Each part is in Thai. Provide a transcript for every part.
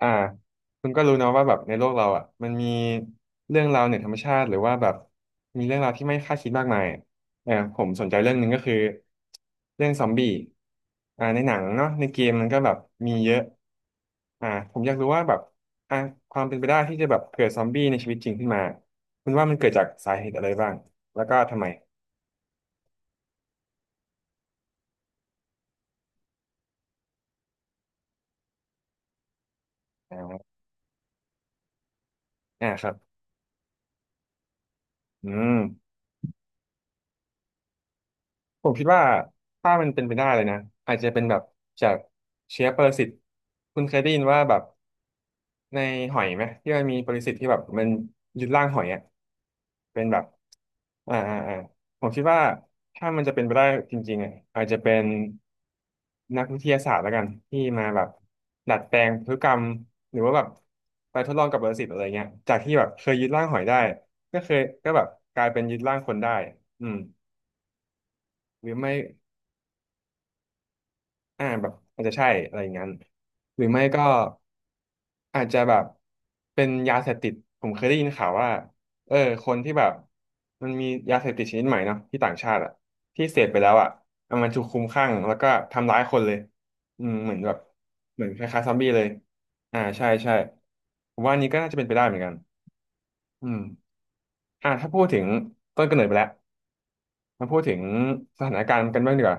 อ่าคุณก็รู้เนาะว่าแบบในโลกเราอ่ะมันมีเรื่องราวเหนือธรรมชาติหรือว่าแบบมีเรื่องราวที่ไม่คาดคิดมากมายผมสนใจเรื่องหนึงก็คือเรื่องซอมบี้ในหนังเนาะในเกมมันก็แบบมีเยอะอ่าผมอยากรู้ว่าแบบอ่าความเป็นไปได้ที่จะแบบเกิดซอมบี้ในชีวิตจริงขึ้นมาคุณว่ามันเกิดจากสาเหตุอะไรบ้างแล้วก็ทำไมอ่าอ่าครับอืม ผมคิดว่าถ้ามันเป็นไปได้เลยนะอาจจะเป็นแบบจากเชื้อปรสิตคุณเคยได้ยินว่าแบบในหอยไหมที่มันมีปรสิตที่แบบมันยึดร่างหอยอ่ะเป็นแบบอ่าอ่าอ่าผมคิดว่าถ้ามันจะเป็นไปได้จริงๆอ่ะอาจจะเป็นนักวิทยาศาสตร์แล้วกันที่มาแบบดัดแปลงพฤติกรรมหรือว่าแบบไปทดลองกับปรสิตอะไรเงี้ยจากที่แบบเคยยึดร่างหอยได้ก็เคยก็แบบกลายเป็นยึดร่างคนได้อืมหรือไม่ อ่าแบบอาจจะใช่อะไรอย่างนั้นหรือไม่ก็อาจจะแบบเป็นยาเสพติดผมเคยได้ยินข่าวว่าเออคนที่แบบมันมียาเสพติดชนิดใหม่เนาะที่ต่างชาติอะที่เสพไปแล้วอะเอามันถูกคลุมคลั่งแล้วก็ทำร้ายคนเลยอืมเหมือนแบบเหมือนคล้ายๆซอมบี้เลยอ่าใช่ใช่ผมว่าอันนี้ก็น่าจะเป็นไปได้เหมือนกันอืมถ้าพูดถึงต้นกำเนิดไปแล้ว มาพูดถึงสถานการณ์กันบ้างดีกว่า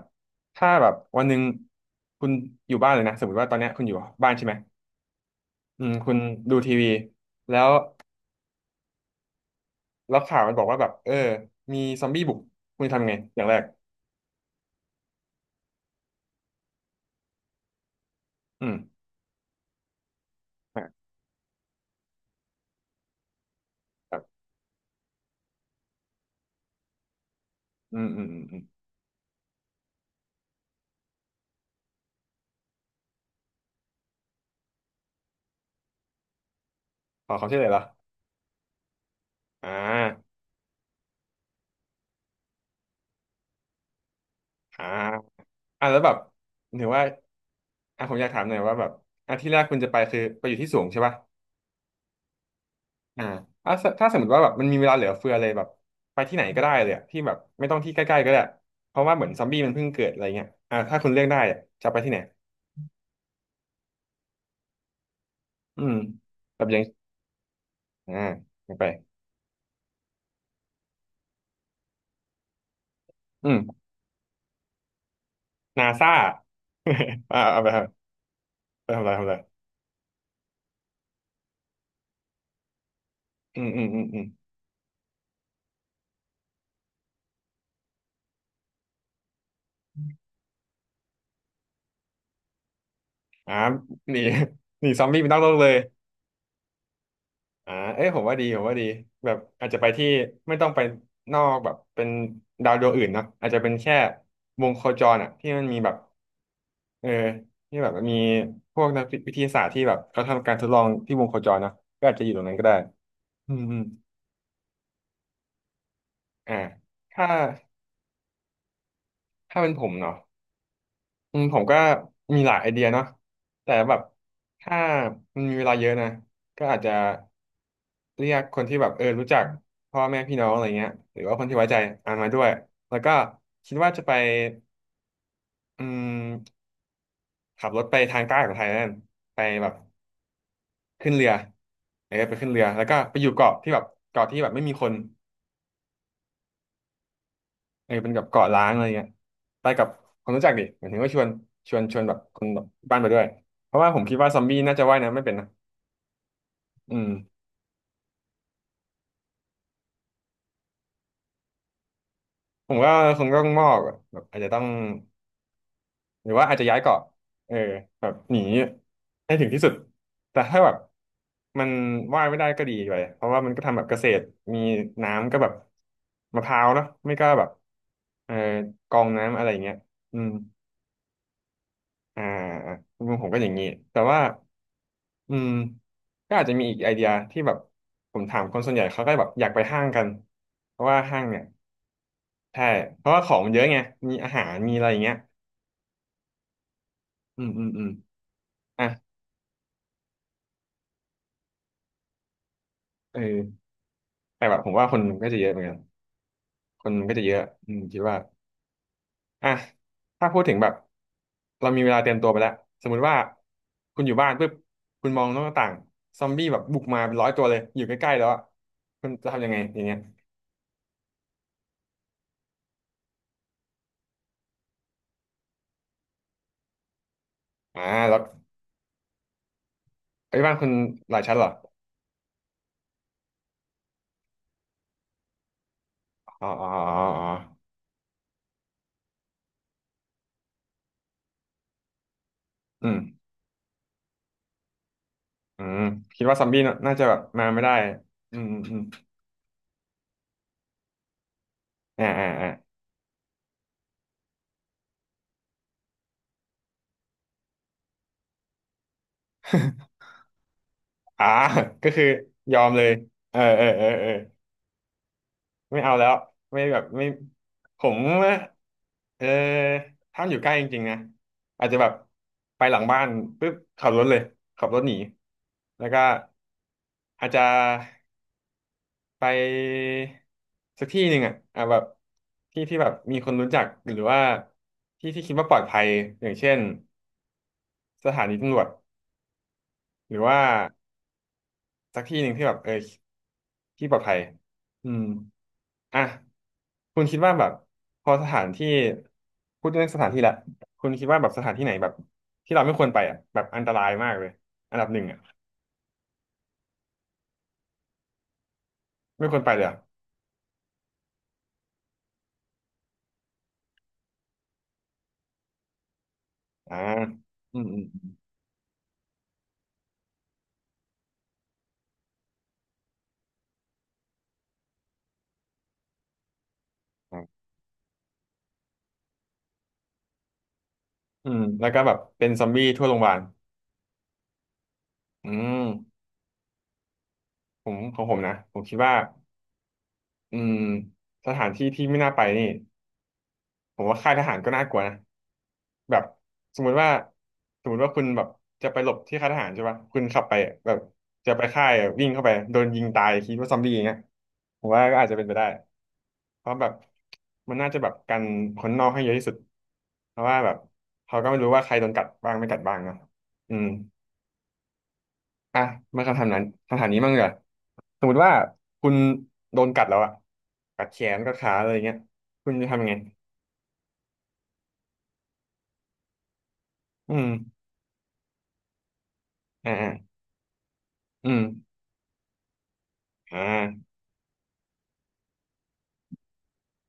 ถ้าแบบวันหนึ่งคุณอยู่บ้านเลยนะสมมติว่าตอนเนี้ยคุณอยู่บ้านใช่ไหมอืมคุณดูทีวีแล้วแล้วข่าวมันบอกว่าแบบมีซอมบี้บุกคุณจะทำไงอย่างแรกอืมอ่ะแบบอืมอืมอืมอืมขอความช่วยเหลือเหรออ่าอ่าอ่ะแล้วแบบถือว่าอ่ะผมอยากถามหน่อยว่าแบบอ่ะที่แรกคุณจะไปคือไปอยู่ที่สูงใช่ป่ะ อ่าถ้าถ้าสมมติว่าแบบมันมีเวลาเหลือเฟือเลยแบบไปที่ไหนก็ได้เลยอะที่แบบไม่ต้องที่ใกล้ๆก็ได้เพราะว่าเหมือนซอมบี้มันเพิ่งเกิดอะไรเงี้ยถ้าคุณเลือกได้อะจะไปที่ไหนอืมแบบยังอ่าไม่ไปอืมนาซา เอาไปทำไปทำอะไรทำอะไรอืมอืมอืมอืมอ่าหนีห นีซอมบี้ไปนอกโลกเลย อ่าเอ้ยผมว่าดีผมว่าดีแบบอาจจะไปที่ไม่ต้องไปนอกแบบเป็นดาวดวงอื่นเนาะอาจจะเป็นแค่วงโคจรอ่ะที่มันมีแบบเออที่แบบมีพวกนักวิทยาศาสตร์ที่แบบเขาทำการทดลองที่วงโคจรเนาะก็อาจจะอยู่ตรงนั้นก็ได้อืมอืมอ่าถ้าถ้าเป็นผมเนาะ อืมผมก็มีหลายไอเดียเนาะแต่แบบถ้ามันมีเวลาเยอะนะก็อาจจะเรียกคนที่แบบรู้จักพ่อแม่พี่น้องอะไรเงี้ยหรือว่าคนที่ไว้ใจอ่านมาด้วยแล้วก็คิดว่าจะไปอืมขับรถไปทางใต้ของไทยนั่นไปแบบขึ้นเรือไปขึ้นเรือแล้วก็ไปอยู่เกาะที่แบบเกาะที่แบบไม่มีคนเป็นกับเกาะล้างอะไรเงี้ยไปกับคนรู้จักดิหมายถึงว่าชวนชวนแบบคนแบบบ้านไปด้วยเพราะว่าผมคิดว่าซอมบี้น่าจะว่ายน้ำไม่เป็นนะอืม ผมว่าคงต้องมอกอะแบบอาจจะต้องหรือว่าอาจจะย้ายเกาะเออแบบหนีให้ถึงที่สุดแต่ถ้าแบบมันว่ายไม่ได้ก็ดีไปเพราะว่ามันก็ทำแบบเกษตรมีน้ำก็แบบมะพร้าวเนาะไม่ก็แบบเออกองน้ำอะไรอย่างเงี้ยอืมอ่ามุมผมก็อย่างนี้แต่ว่าอืมก็อาจจะมีอีกไอเดียที่แบบผมถามคนส่วนใหญ่เขาก็แบบอยากไปห้างกันเพราะว่าห้างเนี่ยใช่เพราะว่าของมันเยอะไงมีอาหารมีอะไรอย่างเงี้ยอืมอืมอืม อ่ะเออแต่แบบผมว่าคนมันก็จะเยอะเหมือนกันคนมันก็จะเยอะอืมคิดว่าอ่ะถ้าพูดถึงแบบเรามีเวลาเตรียมตัวไปแล้วสมมุติว่าคุณอยู่บ้านปุ๊บคุณมองนอกหน้าต่างซอมบี้แบบบุกมาเป็นร้อยตัวเลยอยู่ใกล้ๆแล้วอะคุณจะทำยังไงอย่างเงี้ยอ่าแล้วไอ้ยบ้านคุณหลายชั้นเหรออ๋ออ๋ออ๋ออ๋ออืมอืมคิดว่าซอมบี้น่าน่าจะแบบมาไม่ได้อืมอืมอมอ่าอ่าอ่า อ่าก็คือยอมเลยเออเออเออเออ ไม่เอาแล้วไม่แบบไม่ผมเออถ้ามันอยู่ใกล้จริงๆนะอาจจะแบบไปหลังบ้านปุ๊บขับรถเลยขับรถหนีแล้วก็อาจจะไปสักที่หนึ่งอ่ะอ่ะแบบที่ที่แบบมีคนรู้จักหรือว่าที่ที่คิดว่าปลอดภัยอย่างเช่นสถานีตำรวจหรือว่าสักที่หนึ่งที่แบบที่ปลอดภัยอืมอ่ะ คุณคิดว่าแบบพอสถานที่พูดเรื่องสถานที่ละคุณคิดว่าแบบสถานที่ไหนแบบที่เราไม่ควรไปอ่ะแบบอันตรายมากเลยอันดับหนึ่งอ่ะไม่ควรไปเลยอ่ะอ่าอืมอืมอืมอืมแล้วก็แบบเป็นซอมบี้ทั่วโรงพยาบาลอืมผมของผมนะผมคิดว่าอืมสถานที่ที่ไม่น่าไปนี่ ผมว่าค่ายทหารก็น่ากลัวนะแบบสมมุติว่าสมมุติว่าคุณแบบจะไปหลบที่ค่ายทหารใช่ปะคุณขับไปแบบจะไปค่ายวิ่งเข้าไปโดนยิงตายคิดว่าซอมบี้อย่างเงี้ยผมว่าก็อาจจะเป็นไปได้เพราะแบบมันน่าจะแบบกันคนนอกให้เยอะที่สุดเพราะว่าแบบเขาก็ไม่รู้ว่าใครโดนกัดบ้างไม่กัดบ้างเนอะอืมอ่ะมาคำถามนั้นคำถามนี้มั่งเหรอสมมติว่าคุณโดนกัดแล้วอะกัดแขนกัดขาอะไรอย่างเงี้ยคุณจะทำยังไงอืมอ่าอ่าอืม อ่า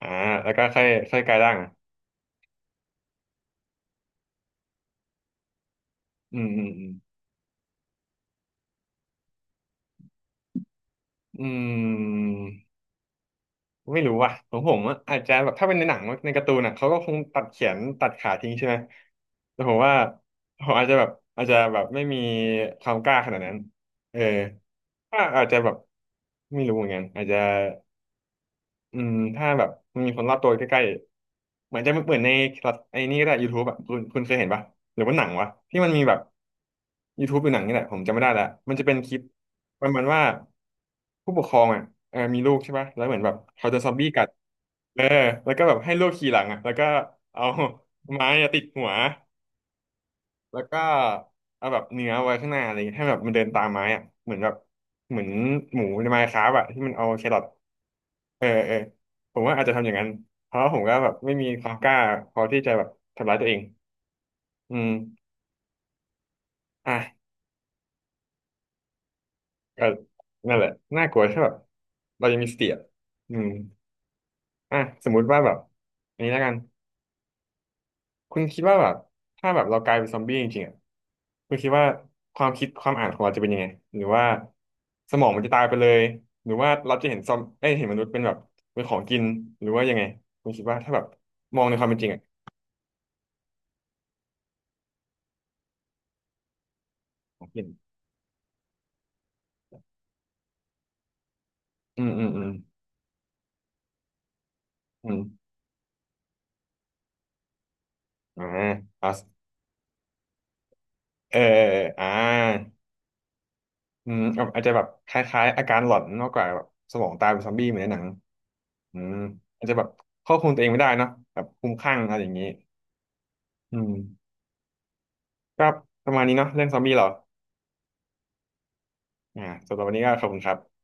อ่าแล้วก็ค่อยค่อยกายร่างอืมอืมอืมอืมไม่รู้ว่ะของผมอะอาจจะแบบถ้าเป็นในหนังในการ์ตูนอ่ะเขาก็คงตัดแขนตัดขาทิ้งใช่ไหมแต่ผมว่าผมอาจจะแบบอาจจะแบบไม่มีความกล้าขนาดนั้นเออก็อาจจะแบบไม่รู้เหมือนกันอาจจะ ถ้าแบบมันมีคนรอบตัวใกล้ๆเหมือนจะเหมือนในไอ้นี่ก็ได้ YouTube อ่ะคุณคุณเคยเห็นปะหรือว่าหนังวะที่มันมีแบบ YouTube หรือหนังนี่แหละผมจำไม่ได้ละมันจะเป็นคลิปประมาณว่าผู้ปกครองอ่ะมีลูกใช่ปะแล้วเหมือนแบบเขาโดนซอมบี้กัดเออแล้วก็แบบให้ลูกขี่หลังอ่ะแล้วก็เอา ไม้อะติดหัวแล้วก็เอาแบบเนื้อไว้ข้างหน้าอะไรอย่างเงี้ยให้แบบมันเดินตามไม้อ่ะเหมือนแบบเหมือนหมูในไมน์คราฟต์อะที่มันเอาแครอท เออเออผมว่าอาจจะทำอย่างนั้นเพราะว่าผมก็แบบไม่มีความกล้าพอที่จะแบบทำร้ายตัวเองอืมอ่ะก็นั่นแหละน่ากลัวใช่แบบเรายังมีสติอ่ะอืมอ่ะสมมุติว่าแบบอันนี้แล้วกันคุณคิดว่าแบบถ้าแบบเรากลายเป็นซอมบี้จริงๆอ่ะคุณคิดว่าความคิดความอ่านของเราจะเป็นยังไงหรือว่าสมองมันจะตายไปเลยหรือว่าเราจะเห็นซอมเอ้ยเห็นมนุษย์เป็นแบบเป็นของกินหรือว่ายังไงคุณคิดว่าถ้าแบบมองในความเป็นจริงอ่ะของกินอืมอืมอืมอืม อ่าอ่าเอออ่าอืมอาจจะแบบคล้ายๆอาการหลอนมากกว่าแบบสมองตายเป็นซอมบี้เหมือนในหนังอืมอาจจะแบบควบคุมตัวเองไม่ได้เนาะแบบคลุ้มคลั่งอะไรอย่างนี้อืมก็ประมาณนี้เนาะเรื่องซอมบี้เหรออ่าสำหรับวันนี้ก็ขอบคุณครับ